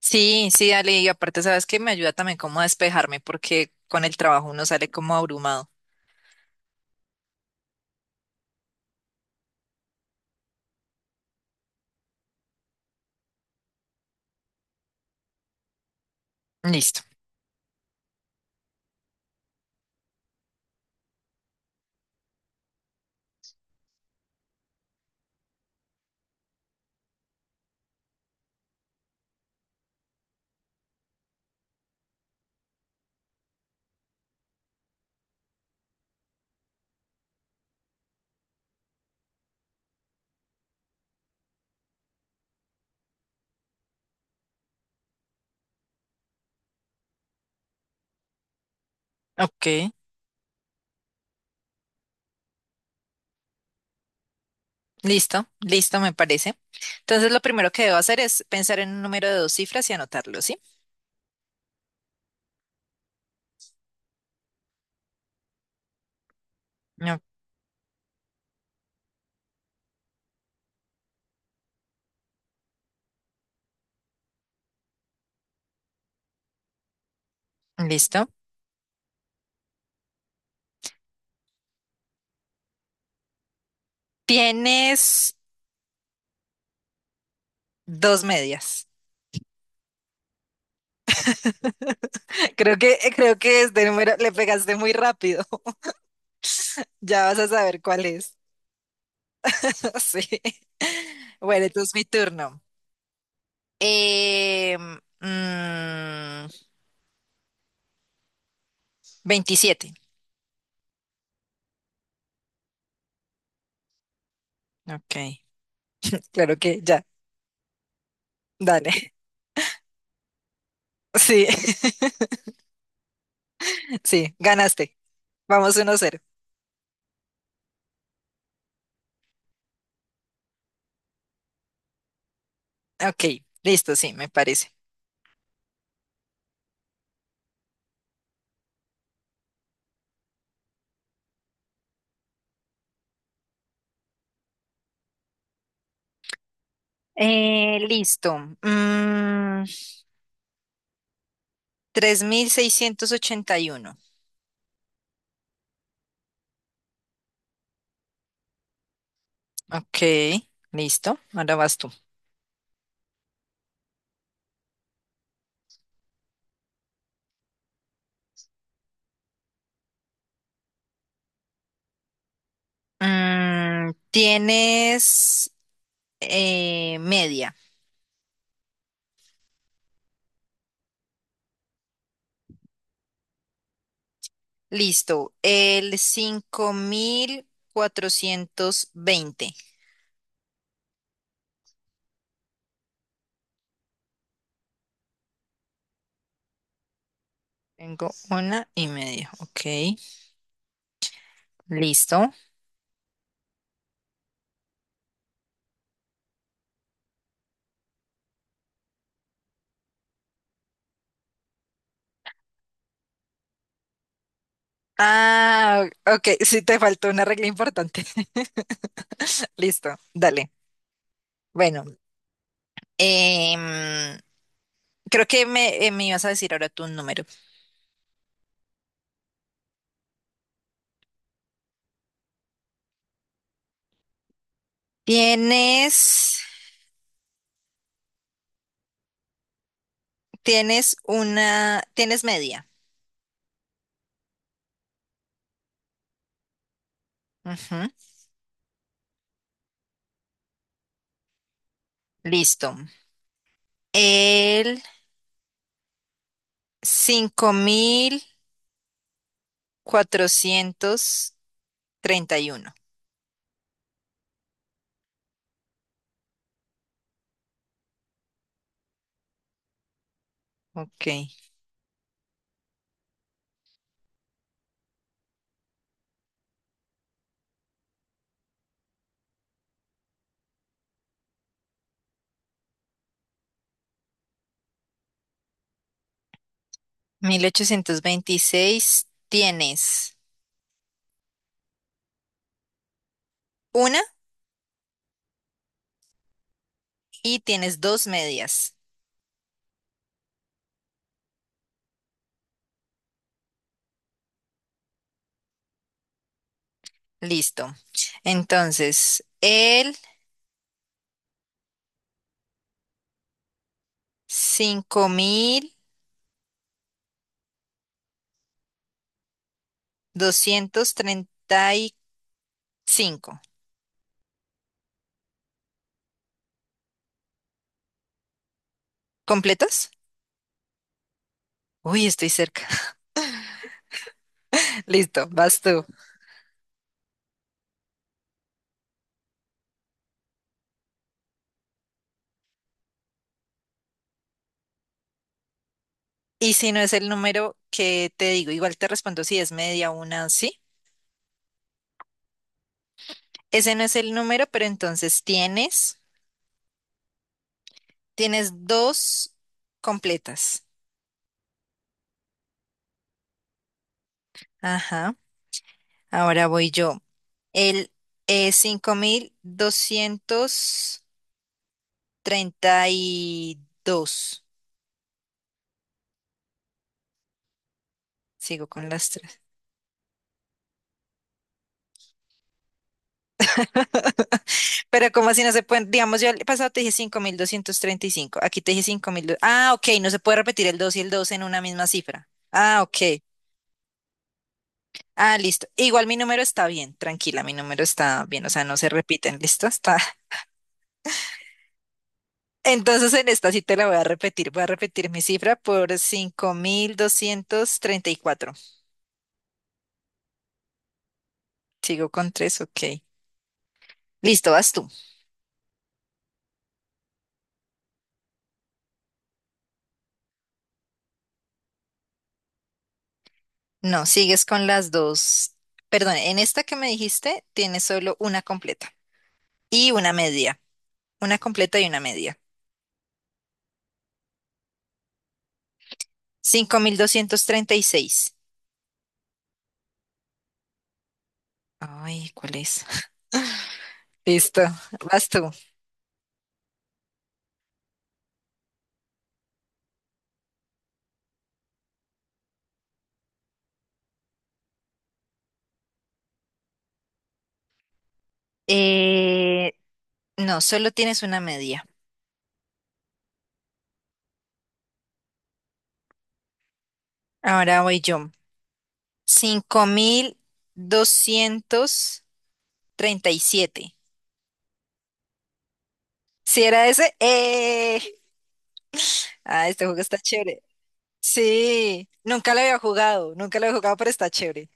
Sí, sí, dale. Y aparte, sabes que me ayuda también como a despejarme porque con el trabajo uno sale como abrumado. Listo. Ok. Listo, listo, me parece. Entonces, lo primero que debo hacer es pensar en un número de dos cifras y anotarlo, ¿sí? No. Listo. Tienes dos medias. Creo que este número le pegaste muy rápido. Ya vas a saber cuál es. Sí. Bueno, entonces mi turno. Eh, mm, 27. Ok. Claro que ya, dale. Sí, sí, ganaste. Vamos 1-0. Ok, listo, sí, me parece. Listo. 3681. Ok, listo. Ahora vas tú. Tienes media. Listo. El 5420. Tengo una y media. Ok, listo. Ah, ok, sí te faltó una regla importante. Listo, dale. Bueno, em, creo que me ibas a decir ahora tu número. Tienes, tienes una, tienes media. Ujú. Listo. El 5431. Ok. 1826. Tienes una y tienes dos medias. Listo. Entonces, el 5235. ¿Completos? Uy, estoy cerca. Listo, vas tú. Y si no es el número que te digo, igual te respondo si es media una, sí. Ese no es el número, pero entonces tienes dos completas. Ajá. Ahora voy yo. El 5232. Sigo con las tres. Pero como así no se pueden, digamos, yo el pasado te dije 5235. Aquí te dije 5.000. Ah, ok, no se puede repetir el 2 y el 2 en una misma cifra. Ah, ok. Ah, listo. Igual mi número está bien, tranquila, mi número está bien, o sea, no se repiten, ¿listo? Está. Entonces en esta sí te la voy a repetir mi cifra por 5234. Sigo con 3, ok. Listo, vas tú. No, sigues con las dos. Perdón, en esta que me dijiste tienes solo una completa y una media. Una completa y una media. 5236. Ay, ¿cuál es? Listo, vas tú. Eh, no, solo tienes una media. Ahora voy yo. 5237. ¿Si era ese? ¡Eh! Ah, este juego está chévere. Sí, nunca lo había jugado, nunca lo he jugado, pero está chévere.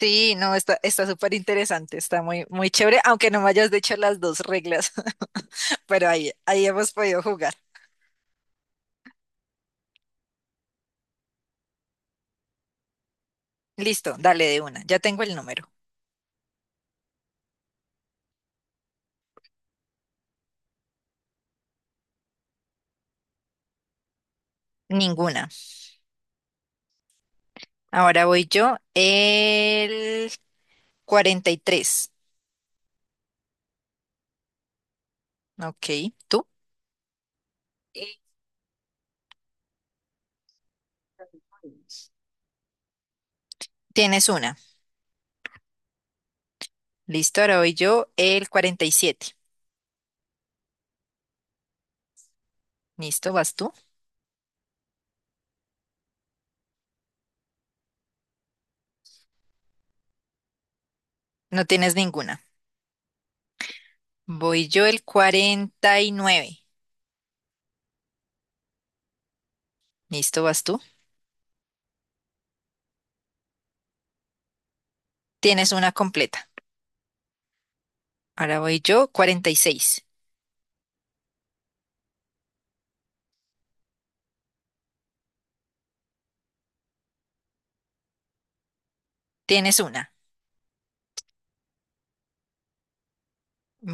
Sí, no, está súper interesante, está muy, muy chévere, aunque no me hayas dicho las dos reglas, pero ahí hemos podido jugar. Listo, dale de una. Ya tengo el número. Ninguna. Ahora voy yo. El 43. Ok, tú. Eh, tienes una. Listo, ahora voy yo. El 47. Listo, vas tú. No tienes ninguna. Voy yo el 49. Listo, vas tú. Tienes una completa. Ahora voy yo 46. Tienes una.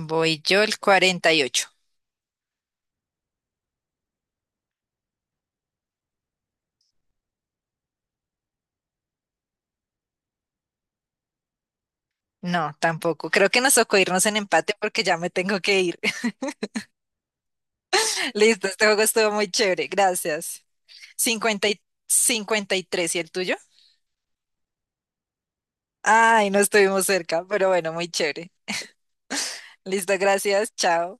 Voy yo el 48. No, tampoco. Creo que nos tocó irnos en empate porque ya me tengo que ir. Listo, este juego estuvo muy chévere, gracias. 50 y cincuenta y tres, ¿y el tuyo? Ay, no estuvimos cerca, pero bueno, muy chévere. Listo, gracias, chao.